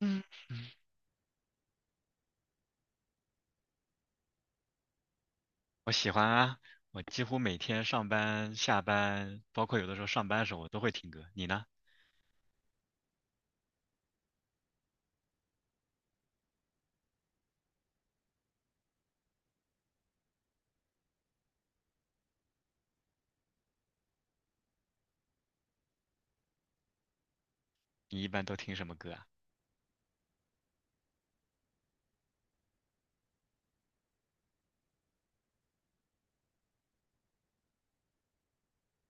嗯，我喜欢啊，我几乎每天上班、下班，包括有的时候上班的时候，我都会听歌。你呢？你一般都听什么歌啊？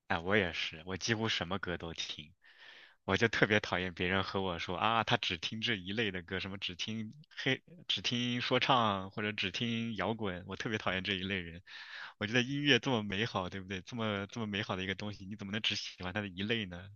哎，我也是，我几乎什么歌都听。我就特别讨厌别人和我说啊，他只听这一类的歌，什么只听黑，只听说唱或者只听摇滚，我特别讨厌这一类人。我觉得音乐这么美好，对不对？这么这么美好的一个东西，你怎么能只喜欢它的一类呢？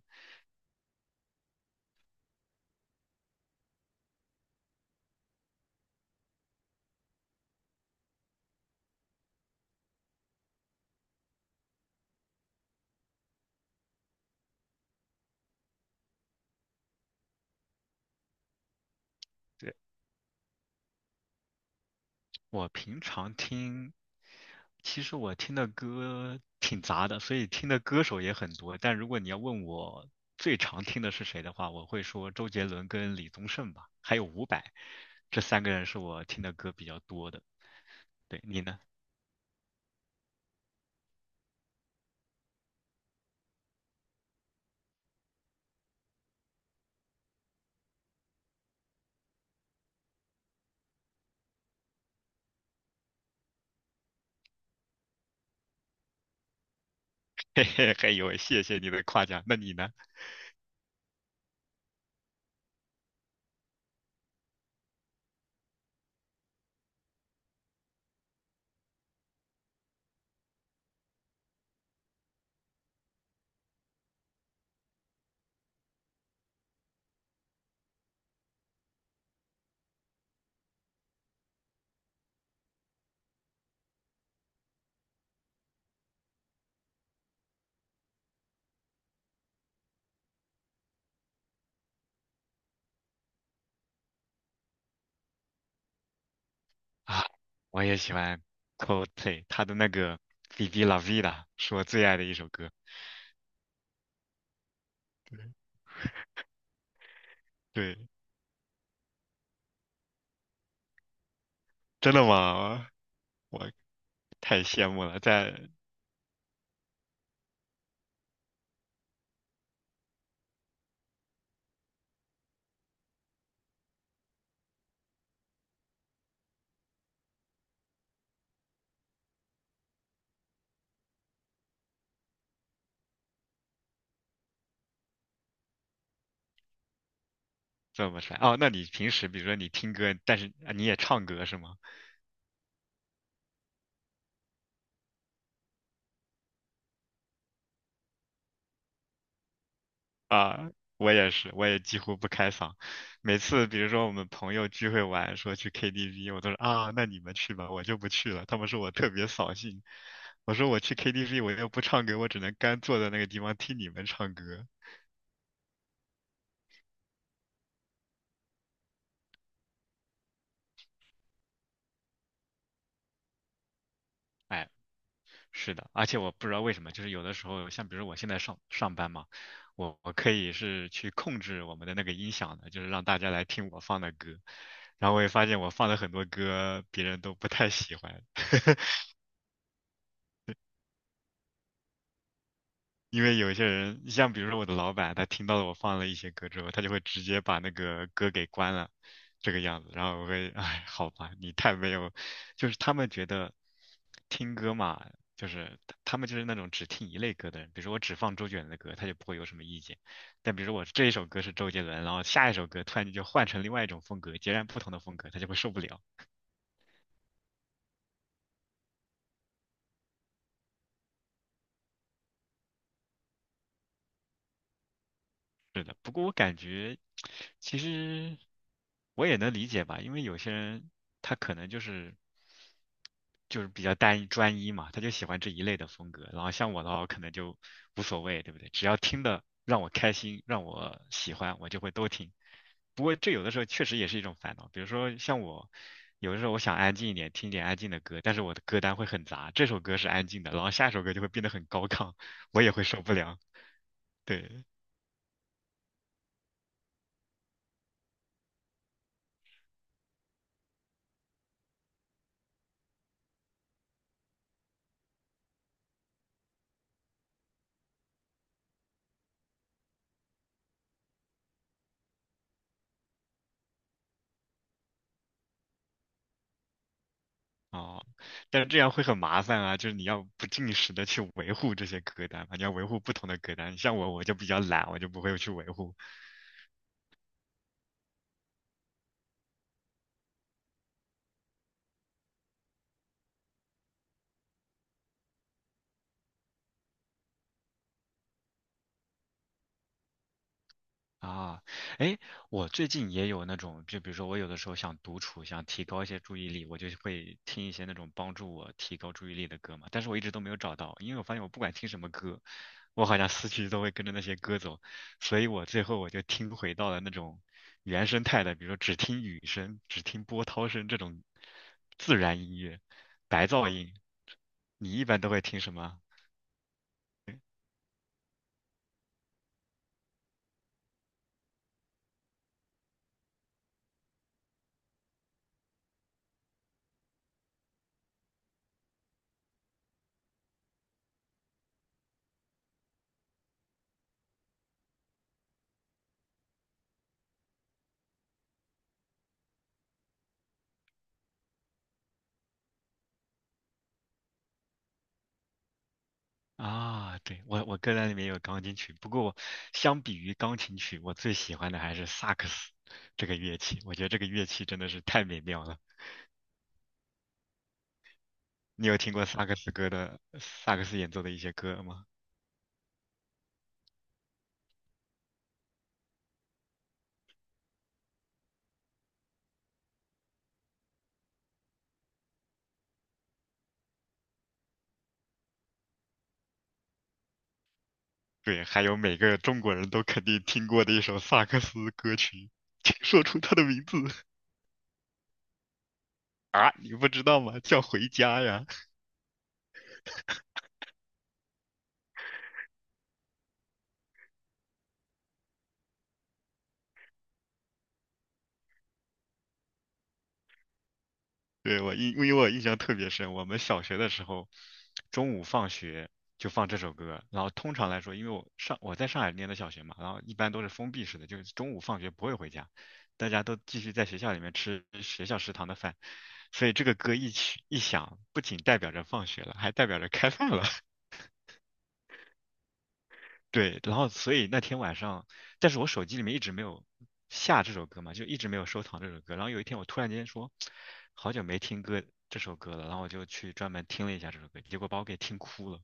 对。我平常听，其实我听的歌挺杂的，所以听的歌手也很多。但如果你要问我最常听的是谁的话，我会说周杰伦跟李宗盛吧，还有伍佰，这三个人是我听的歌比较多的。对，你呢？嘿嘿，还有，谢谢你的夸奖。那你呢？啊，我也喜欢 Coldplay，他的那个《Viva La Vida》是我最爱的一首歌。对，真的吗？我太羡慕了，在怎么帅？哦，那你平时比如说你听歌，但是啊你也唱歌是吗？啊，我也是，我也几乎不开嗓。每次比如说我们朋友聚会玩，说去 KTV，我都是啊，那你们去吧，我就不去了。他们说我特别扫兴，我说我去 KTV 我又不唱歌，我只能干坐在那个地方听你们唱歌。哎，是的，而且我不知道为什么，就是有的时候，像比如我现在上班嘛，我可以是去控制我们的那个音响的，就是让大家来听我放的歌，然后我也发现我放的很多歌别人都不太喜欢。因为有些人，像比如说我的老板，他听到了我放了一些歌之后，他就会直接把那个歌给关了，这个样子。然后我会，哎，好吧，你太没有，就是他们觉得听歌嘛，就是他们就是那种只听一类歌的人。比如说我只放周杰伦的歌，他就不会有什么意见。但比如说我这一首歌是周杰伦，然后下一首歌突然间就换成另外一种风格，截然不同的风格，他就会受不了。其实我也能理解吧，因为有些人他可能就是比较单一专一嘛，他就喜欢这一类的风格。然后像我的话，我可能就无所谓，对不对？只要听的让我开心，让我喜欢，我就会都听。不过这有的时候确实也是一种烦恼，比如说像我，有的时候我想安静一点，听一点安静的歌，但是我的歌单会很杂，这首歌是安静的，然后下一首歌就会变得很高亢，我也会受不了。对，哦，但是这样会很麻烦啊，就是你要不定时的去维护这些歌单嘛，你要维护不同的歌单。像我，我就比较懒，我就不会去维护，啊，哎，我最近也有那种，就比如说我有的时候想独处，想提高一些注意力，我就会听一些那种帮助我提高注意力的歌嘛。但是我一直都没有找到，因为我发现我不管听什么歌，我好像思绪都会跟着那些歌走，所以我最后就听回到了那种原生态的，比如说只听雨声、只听波涛声这种自然音乐、白噪音。你一般都会听什么？啊，对，我歌单里面有钢琴曲，不过我相比于钢琴曲，我最喜欢的还是萨克斯这个乐器。我觉得这个乐器真的是太美妙了。你有听过萨克斯歌的萨克斯演奏的一些歌吗？对，还有每个中国人都肯定听过的一首萨克斯歌曲，请说出它的名字。 啊，你不知道吗？叫《回家》呀。对，因为我印象特别深，我们小学的时候，中午放学就放这首歌，然后通常来说，因为我在上海念的小学嘛，然后一般都是封闭式的，就是中午放学不会回家，大家都继续在学校里面吃学校食堂的饭，所以这个歌一曲一响，不仅代表着放学了，还代表着开饭了。对，然后所以那天晚上，但是我手机里面一直没有下这首歌嘛，就一直没有收藏这首歌。然后有一天我突然间说，好久没听歌这首歌了，然后我就去专门听了一下这首歌，结果把我给听哭了。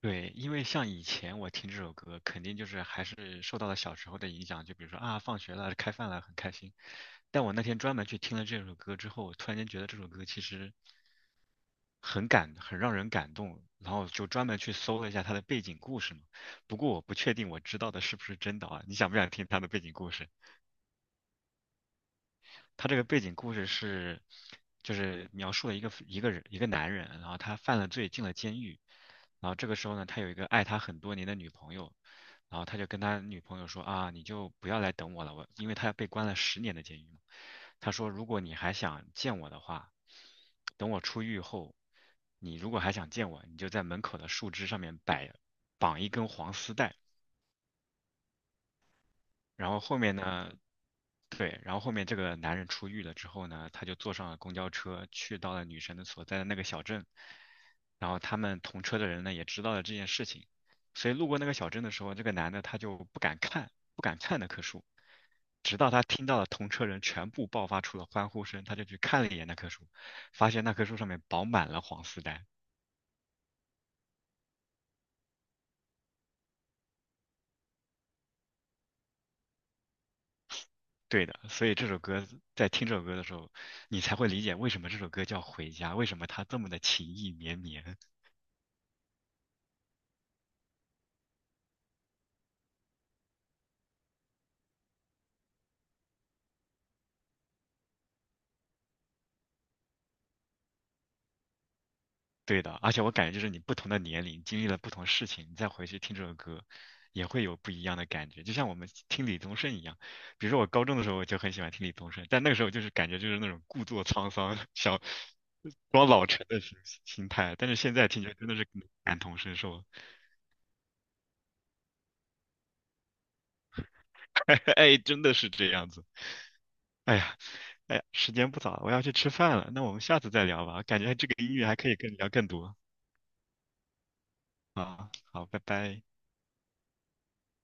对，因为像以前我听这首歌，肯定就是还是受到了小时候的影响，就比如说啊，放学了，开饭了，很开心。但我那天专门去听了这首歌之后，我突然间觉得这首歌其实很让人感动。然后就专门去搜了一下他的背景故事嘛。不过我不确定我知道的是不是真的啊，你想不想听他的背景故事？他这个背景故事是，就是描述了一个男人，然后他犯了罪进了监狱，然后这个时候呢，他有一个爱他很多年的女朋友，然后他就跟他女朋友说啊，你就不要来等我了，我因为他被关了十年的监狱嘛，他说如果你还想见我的话，等我出狱后，你如果还想见我，你就在门口的树枝上面摆绑一根黄丝带，然后后面呢，对，然后后面这个男人出狱了之后呢，他就坐上了公交车，去到了女神的所在的那个小镇。然后他们同车的人呢，也知道了这件事情，所以路过那个小镇的时候，这个男的他就不敢看，不敢看那棵树，直到他听到了同车人全部爆发出了欢呼声，他就去看了一眼那棵树，发现那棵树上面饱满了黄丝带。对的，所以这首歌在听这首歌的时候，你才会理解为什么这首歌叫《回家》，为什么它这么的情意绵绵。对的，而且我感觉就是你不同的年龄经历了不同事情，你再回去听这首歌，也会有不一样的感觉。就像我们听李宗盛一样，比如说我高中的时候我就很喜欢听李宗盛，但那个时候就是感觉就是那种故作沧桑，想装老成的心态，但是现在听起来真的是感同身受，哎，真的是这样子。哎呀，哎呀，时间不早了，我要去吃饭了。那我们下次再聊吧，感觉这个音乐还可以更聊更多啊。好，拜拜。